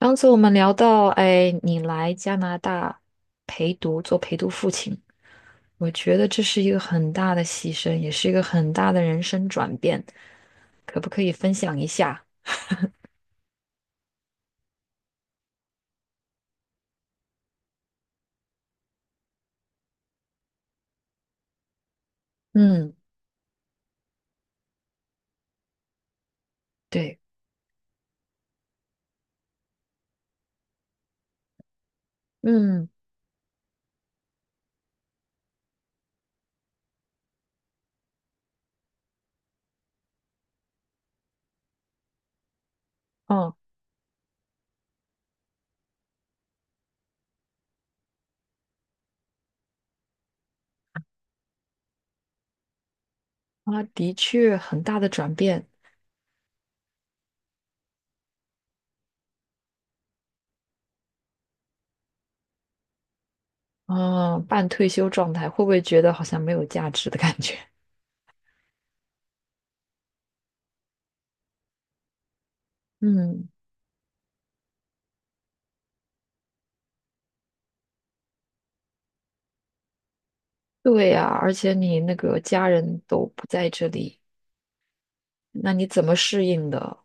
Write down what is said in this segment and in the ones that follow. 上次我们聊到，哎，你来加拿大陪读，做陪读父亲，我觉得这是一个很大的牺牲，也是一个很大的人生转变，可不可以分享一下？嗯，对，嗯，哦，啊，的确很大的转变，啊，半退休状态，会不会觉得好像没有价值的感觉？嗯，对呀，而且你那个家人都不在这里，那你怎么适应的？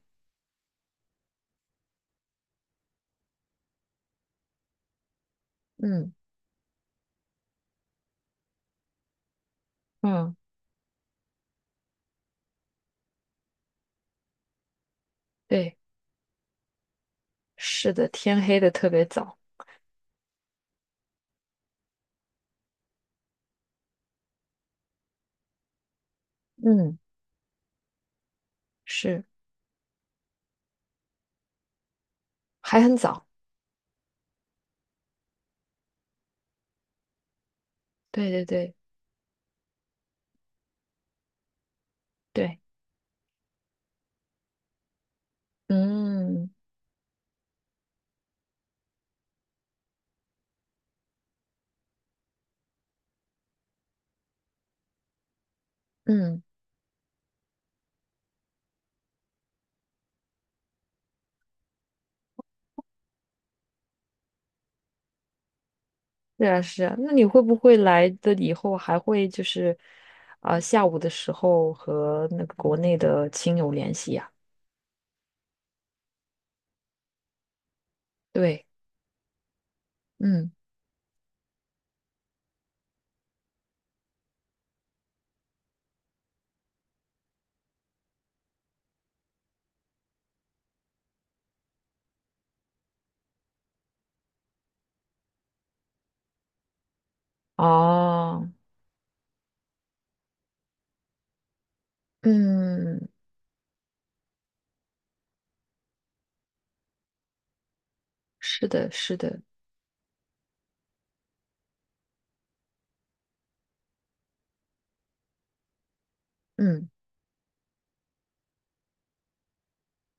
嗯嗯，对。是的，天黑的特别早，嗯是，还很早。对对对对，嗯嗯，是啊是啊。那你会不会来的以后还会就是，啊、下午的时候和那个国内的亲友联系呀、对，嗯哦，嗯是的，是的。嗯，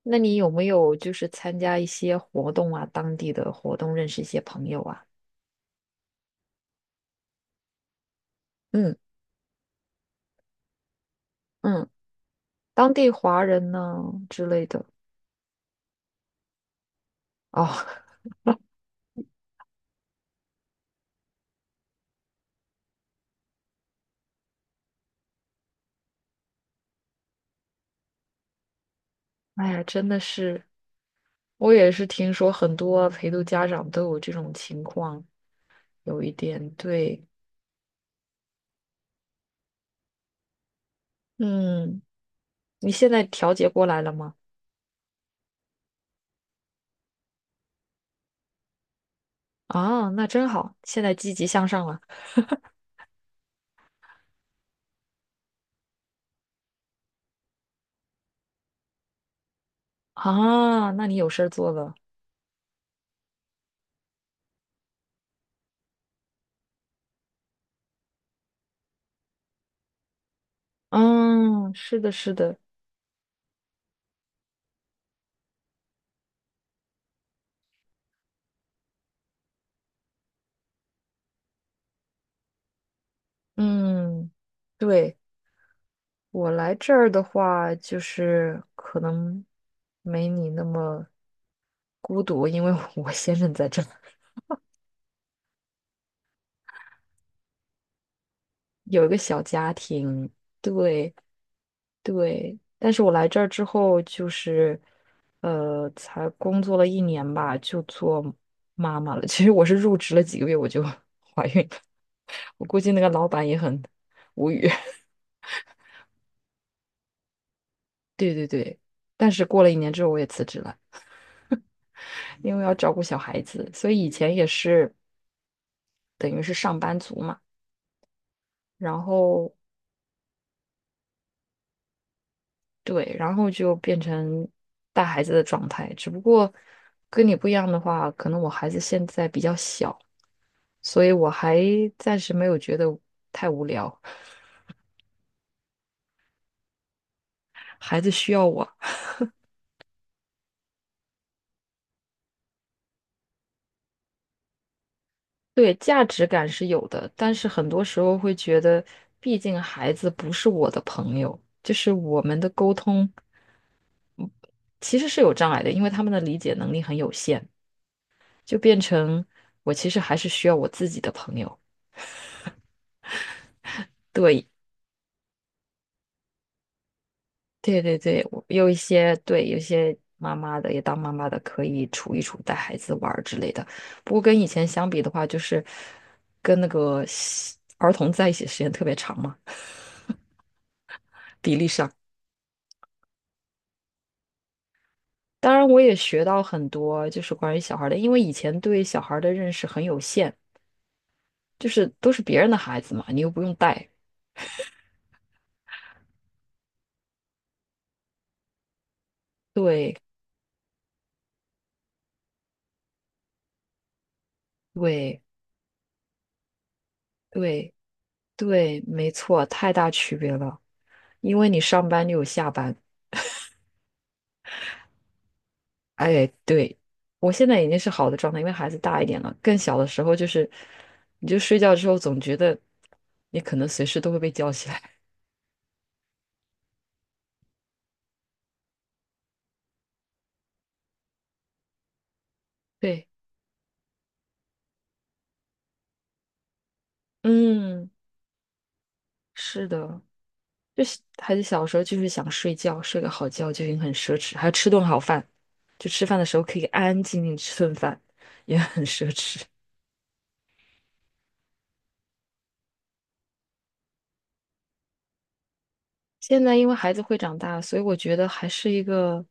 那你有没有就是参加一些活动啊，当地的活动，认识一些朋友啊？嗯嗯，嗯当地华人呢之类的。哦，哎呀，真的是，我也是听说很多陪读家长都有这种情况，有一点对，嗯，你现在调节过来了吗？啊，那真好，现在积极向上了啊，那你有事儿做了。嗯，是的，是的，嗯，对，我来这儿的话，就是可能没你那么孤独，因为我先生在这儿，有一个小家庭，对。对，但是我来这儿之后，就是，才工作了一年吧，就做妈妈了。其实我是入职了几个月我就 怀孕了，我估计那个老板也很无语。对对对，但是过了一年之后我也辞职了，因为要照顾小孩子，所以以前也是等于是上班族嘛。然后对，然后就变成带孩子的状态，只不过跟你不一样的话，可能我孩子现在比较小。所以我还暂时没有觉得太无聊，孩子需要我。对，价值感是有的，但是很多时候会觉得，毕竟孩子不是我的朋友，就是我们的沟通其实是有障碍的，因为他们的理解能力很有限，就变成我其实还是需要我自己的朋友。对。对对对，我有一些对，有些妈妈的也当妈妈的可以处一处带孩子玩儿之类的。不过跟以前相比的话，就是跟那个西儿童在一起的时间特别长嘛，比例上。当然，我也学到很多，就是关于小孩儿的，因为以前对小孩儿的认识很有限，就是都是别人的孩子嘛，你又不用带。对对对对，没错，太大区别了，因为你上班就有下班。哎，对，我现在已经是好的状态，因为孩子大一点了。更小的时候就是，你就睡觉之后总觉得你可能随时都会被叫起来。对，嗯，是的，就是孩子小时候就是想睡觉，睡个好觉就已经很奢侈，还要吃顿好饭，就吃饭的时候可以安安静静吃顿饭，也很奢侈。现在因为孩子会长大，所以我觉得还是一个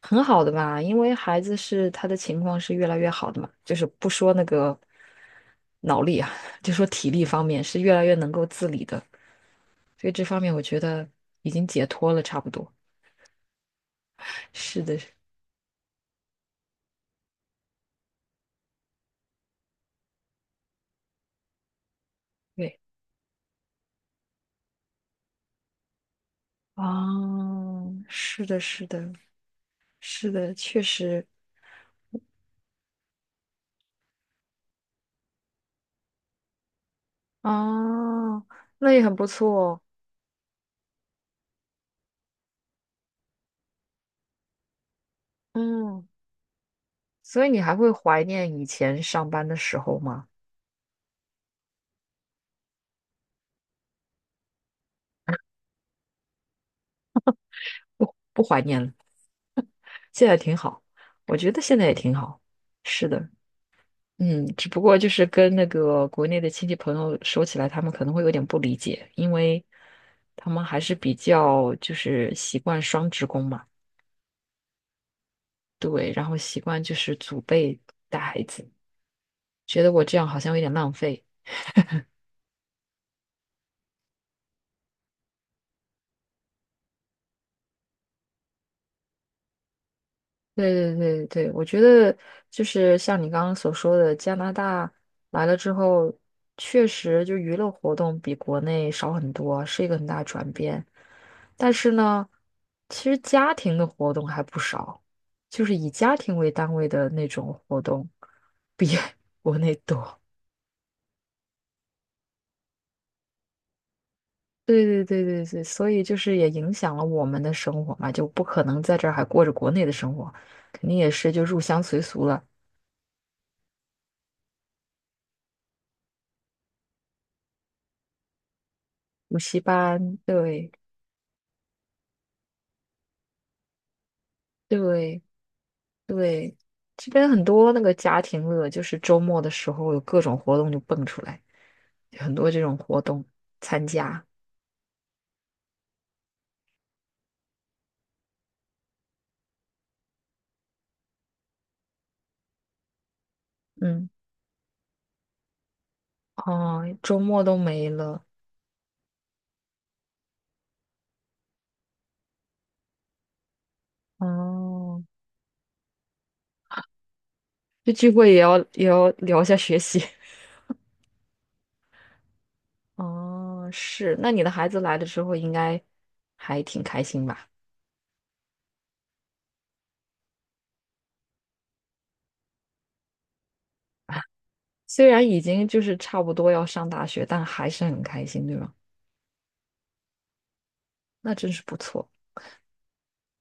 很好的吧。因为孩子是他的情况是越来越好的嘛，就是不说那个脑力啊，就说体力方面是越来越能够自理的，所以这方面我觉得已经解脱了，差不多。是的，对，哦，是的，是的，是的，确实，哦，那也很不错，嗯。所以你还会怀念以前上班的时候吗？不，不怀念了。现在挺好，我觉得现在也挺好。是的，嗯，只不过就是跟那个国内的亲戚朋友说起来，他们可能会有点不理解，因为他们还是比较就是习惯双职工嘛，对，然后习惯就是祖辈带孩子，觉得我这样好像有点浪费。对对对对，我觉得就是像你刚刚所说的，加拿大来了之后，确实就娱乐活动比国内少很多，是一个很大的转变。但是呢，其实家庭的活动还不少，就是以家庭为单位的那种活动比 国内多。对对对对对，所以就是也影响了我们的生活嘛，就不可能在这儿还过着国内的生活，肯定也是就入乡随俗了，补习班，对。对对，这边很多那个家庭乐，就是周末的时候有各种活动就蹦出来，有很多这种活动参加。嗯，哦，周末都没了。哦，这聚会也要聊一下学习。哦，是，那你的孩子来了之后应该还挺开心吧？虽然已经就是差不多要上大学，但还是很开心，对吧？那真是不错，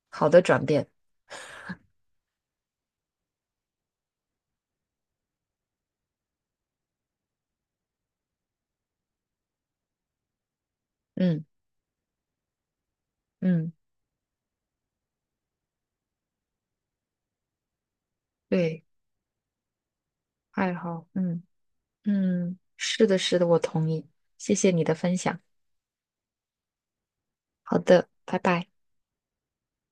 好的转变。嗯嗯，对，爱好，嗯。嗯，是的，是的，我同意。谢谢你的分享。好的，拜拜。